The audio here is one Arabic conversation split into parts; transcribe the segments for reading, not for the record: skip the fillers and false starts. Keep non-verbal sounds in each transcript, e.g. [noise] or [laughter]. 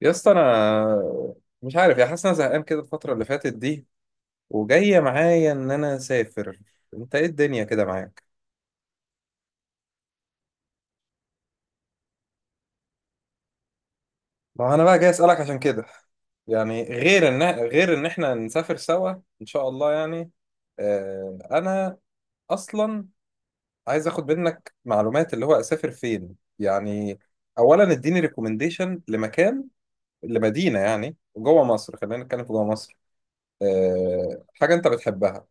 يا اسطى انا مش عارف يا حاسس إن انا زهقان كده الفتره اللي فاتت دي، وجايه معايا ان انا اسافر. انت ايه الدنيا كده معاك؟ ما انا بقى جاي اسالك عشان كده. يعني غير ان احنا نسافر سوا ان شاء الله. يعني انا اصلا عايز اخد منك معلومات اللي هو اسافر فين يعني. اولا اديني ريكومنديشن لمكان، لمدينه، يعني جوه مصر، خلينا نتكلم في جوه مصر. آه حاجه انت بتحبها.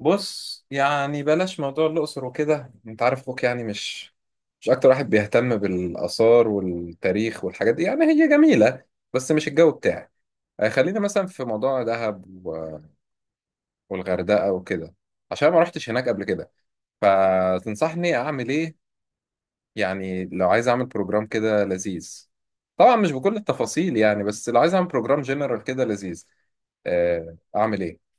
بص يعني بلاش موضوع الأقصر وكده، انت عارف اخوك يعني مش اكتر واحد بيهتم بالآثار والتاريخ والحاجات دي. يعني هي جميلة بس مش الجو بتاعي. آه، خلينا مثلا في موضوع دهب والغردقة وكده، عشان ما رحتش هناك قبل كده. فتنصحني اعمل ايه يعني؟ لو عايز اعمل بروجرام كده لذيذ، طبعا مش بكل التفاصيل يعني، بس لو عايز اعمل بروجرام جنرال كده لذيذ آه، اعمل ايه؟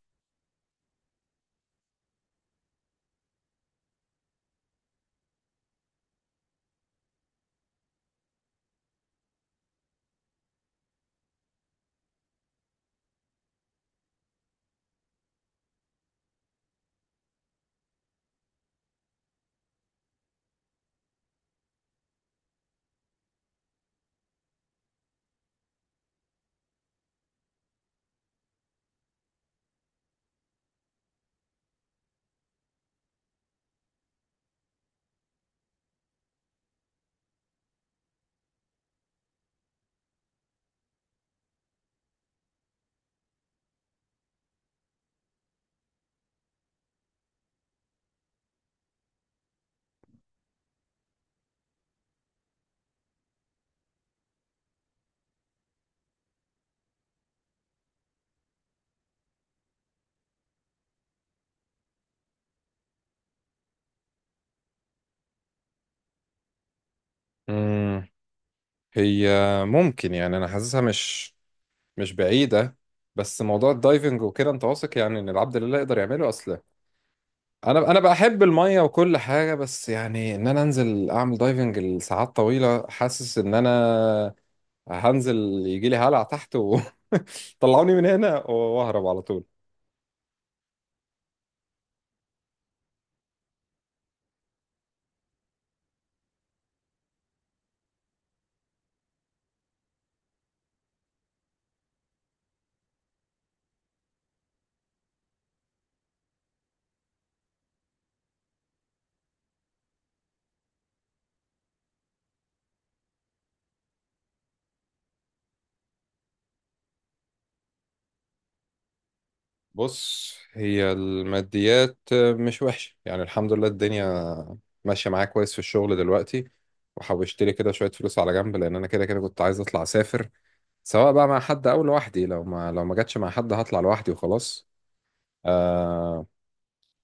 امم، هي ممكن، يعني انا حاسسها مش بعيدة، بس موضوع الدايفنج وكده انت واثق يعني ان العبد لله يقدر يعمله اصلا؟ انا بحب المية وكل حاجة، بس يعني ان انا انزل اعمل دايفنج لساعات طويلة حاسس ان انا هنزل يجي لي هلع تحت وطلعوني [laughs] من هنا واهرب على طول. بص، هي الماديات مش وحشة يعني، الحمد لله الدنيا ماشية معايا كويس في الشغل دلوقتي، وحوشت لي كده شوية فلوس على جنب، لان انا كده كده كنت عايز اطلع اسافر، سواء بقى مع حد او لوحدي. لو ما جاتش مع حد هطلع لوحدي وخلاص. آه،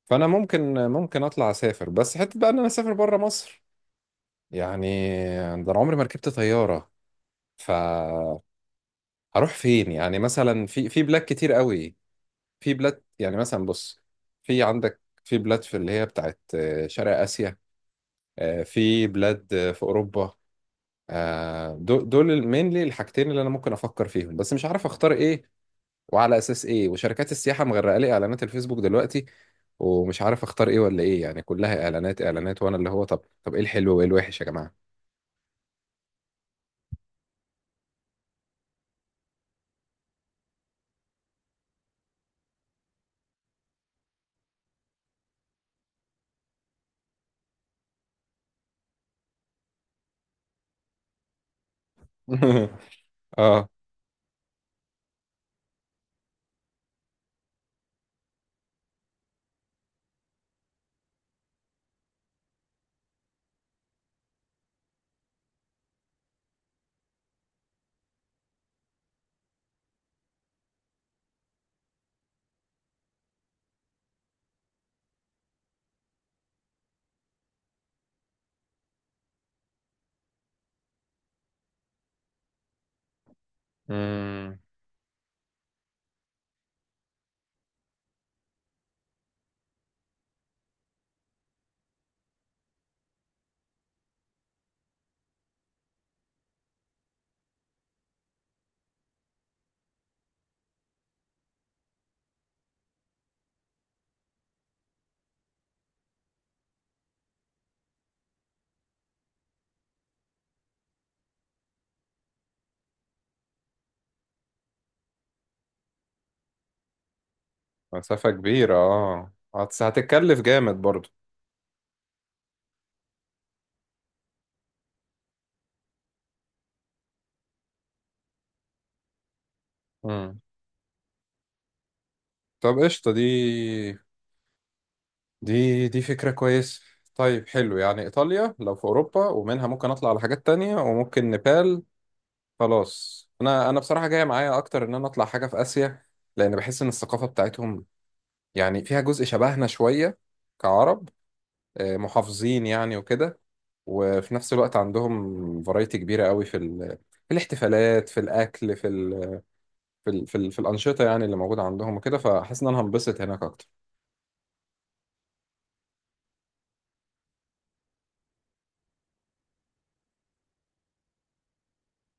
فانا ممكن اطلع اسافر، بس حته بقى ان انا اسافر بره مصر يعني، ده انا عمري ما ركبت طياره. ف هروح فين يعني؟ مثلا في بلاد كتير قوي. في بلاد يعني مثلا، بص، في عندك في بلاد في اللي هي بتاعت آه، شرق اسيا، آه، في بلاد آه، في اوروبا. آه، دول مينلي الحاجتين اللي انا ممكن افكر فيهم، بس مش عارف اختار ايه وعلى اساس ايه. وشركات السياحه مغرقه لي اعلانات الفيسبوك دلوقتي، ومش عارف اختار ايه ولا ايه، يعني كلها اعلانات، وانا اللي هو طب، ايه الحلو وايه الوحش يا جماعه؟ [laughs] اه. امم. مسافه كبيره اه، هتتكلف جامد برضو. امم، طب قشطه، دي دي فكره كويسه. طيب حلو، يعني ايطاليا لو في اوروبا ومنها ممكن اطلع على حاجات تانية، وممكن نيبال. خلاص، انا بصراحه جايه معايا اكتر ان انا اطلع حاجه في اسيا، لان بحس ان الثقافه بتاعتهم يعني فيها جزء شبهنا شوية، كعرب، آه، محافظين يعني وكده. وفي نفس الوقت عندهم فرايتي كبيرة قوي في الاحتفالات، في الأكل، في الأنشطة يعني اللي موجودة عندهم وكده. فحاسس إن أنا هنبسط هناك أكتر.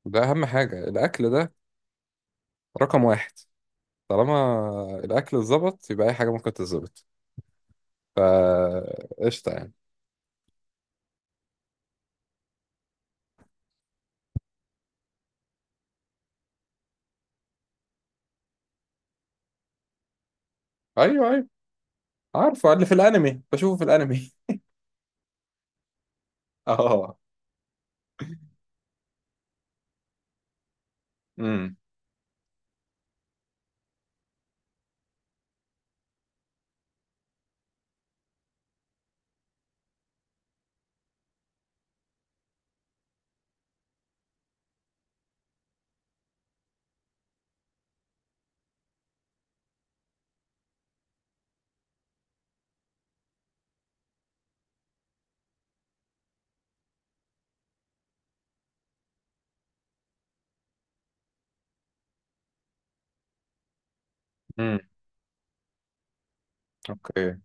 ده أهم حاجة، الأكل ده رقم واحد. طالما الأكل اتظبط يبقى أي حاجة ممكن تتظبط، فا قشطة يعني. أيوه أيوه، عارفه اللي في الأنمي، بشوفه في الأنمي. [laughs] أه. امم. امم. اوكي.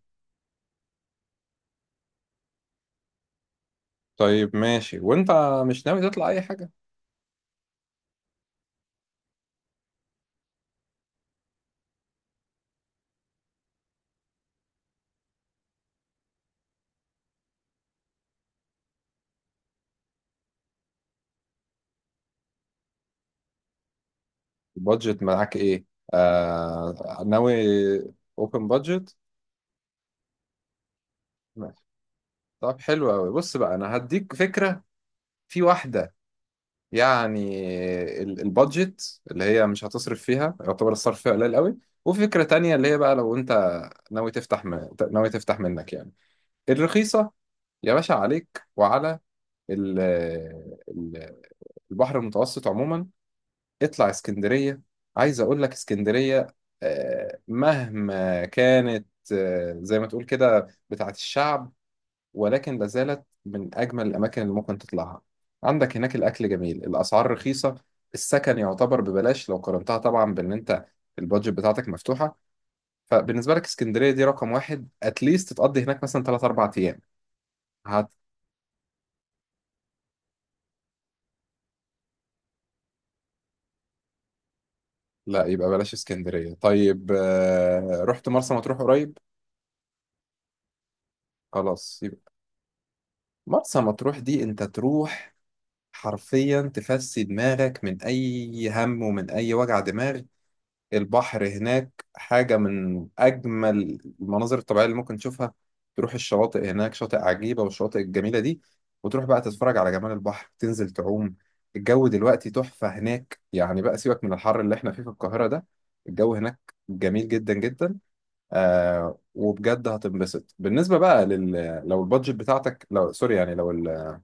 طيب ماشي، وانت مش ناوي تطلع اي حاجه؟ البادجت معاك ايه؟ آه ناوي. اوبن بادجت، ماشي. طب حلو قوي، بص بقى انا هديك فكرة. في واحدة يعني، البادجت اللي هي مش هتصرف فيها، يعتبر الصرف فيها قليل قوي. وفي فكرة تانية اللي هي بقى لو انت ناوي تفتح منك يعني الرخيصة. يا باشا عليك وعلى ال... ال- البحر المتوسط عموما، اطلع اسكندرية. عايز اقول لك اسكندرية آه، مهما كانت آه، زي ما تقول كده بتاعت الشعب، ولكن لا زالت من اجمل الاماكن اللي ممكن تطلعها. عندك هناك الاكل جميل، الاسعار رخيصة، السكن يعتبر ببلاش، لو قارنتها طبعا بان انت البادجت بتاعتك مفتوحة. فبالنسبة لك اسكندرية دي رقم واحد، اتليست تقضي هناك مثلا 3 أو 4 ايام. هت... لا يبقى بلاش اسكندرية. طيب آه، رحت مرسى مطروح قريب؟ خلاص يبقى، مرسى مطروح دي انت تروح حرفيا تفسي دماغك من أي هم ومن أي وجع دماغ. البحر هناك حاجة من أجمل المناظر الطبيعية اللي ممكن تشوفها. تروح الشواطئ هناك، شاطئ عجيبة والشواطئ الجميلة دي، وتروح بقى تتفرج على جمال البحر، تنزل تعوم. الجو دلوقتي تحفة هناك، يعني بقى سيبك من الحر اللي احنا فيه في القاهرة ده، الجو هناك جميل جدا جدا. آه وبجد هتنبسط. بالنسبة بقى لو البادجت بتاعتك لو سوري يعني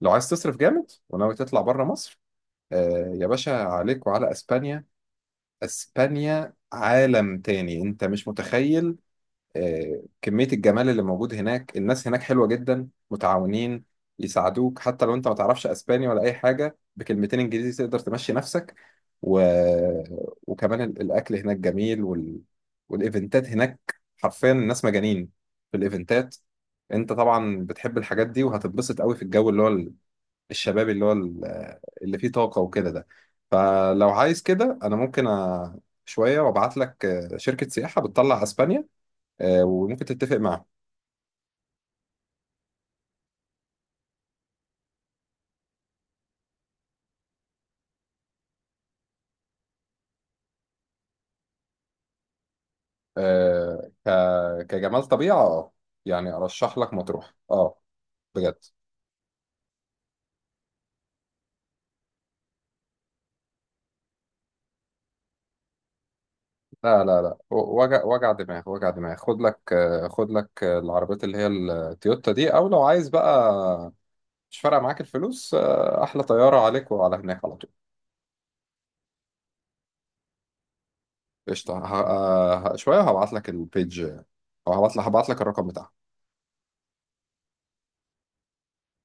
لو عايز تصرف جامد وناوي تطلع بره مصر، آه، يا باشا عليك وعلى اسبانيا. اسبانيا عالم تاني انت مش متخيل. آه، كمية الجمال اللي موجود هناك، الناس هناك حلوة جدا، متعاونين، يساعدوك حتى لو انت ما تعرفش اسباني ولا اي حاجة، بكلمتين انجليزي تقدر تمشي نفسك. و... وكمان الاكل هناك جميل والايفنتات هناك حرفيا الناس مجانين في الايفنتات. انت طبعا بتحب الحاجات دي وهتتبسط قوي في الجو اللي هو الشباب اللي هو اللي فيه طاقة وكده ده. فلو عايز كده أنا ممكن شوية وأبعت لك آه، شركة سياحة بتطلع أسبانيا، آه، وممكن تتفق معاهم. آه، كجمال طبيعة أه، يعني أرشح لك مطروح أه. بجد. لا لا لا، وجع دماغ، خد لك آه، العربيات اللي هي التويوتا دي، أو لو عايز بقى مش فارقة معاك الفلوس آه، أحلى طيارة عليك وعلى هناك على طول. قشطة، شوية وهبعت لك البيج، أو هبعت لك الرقم بتاعها.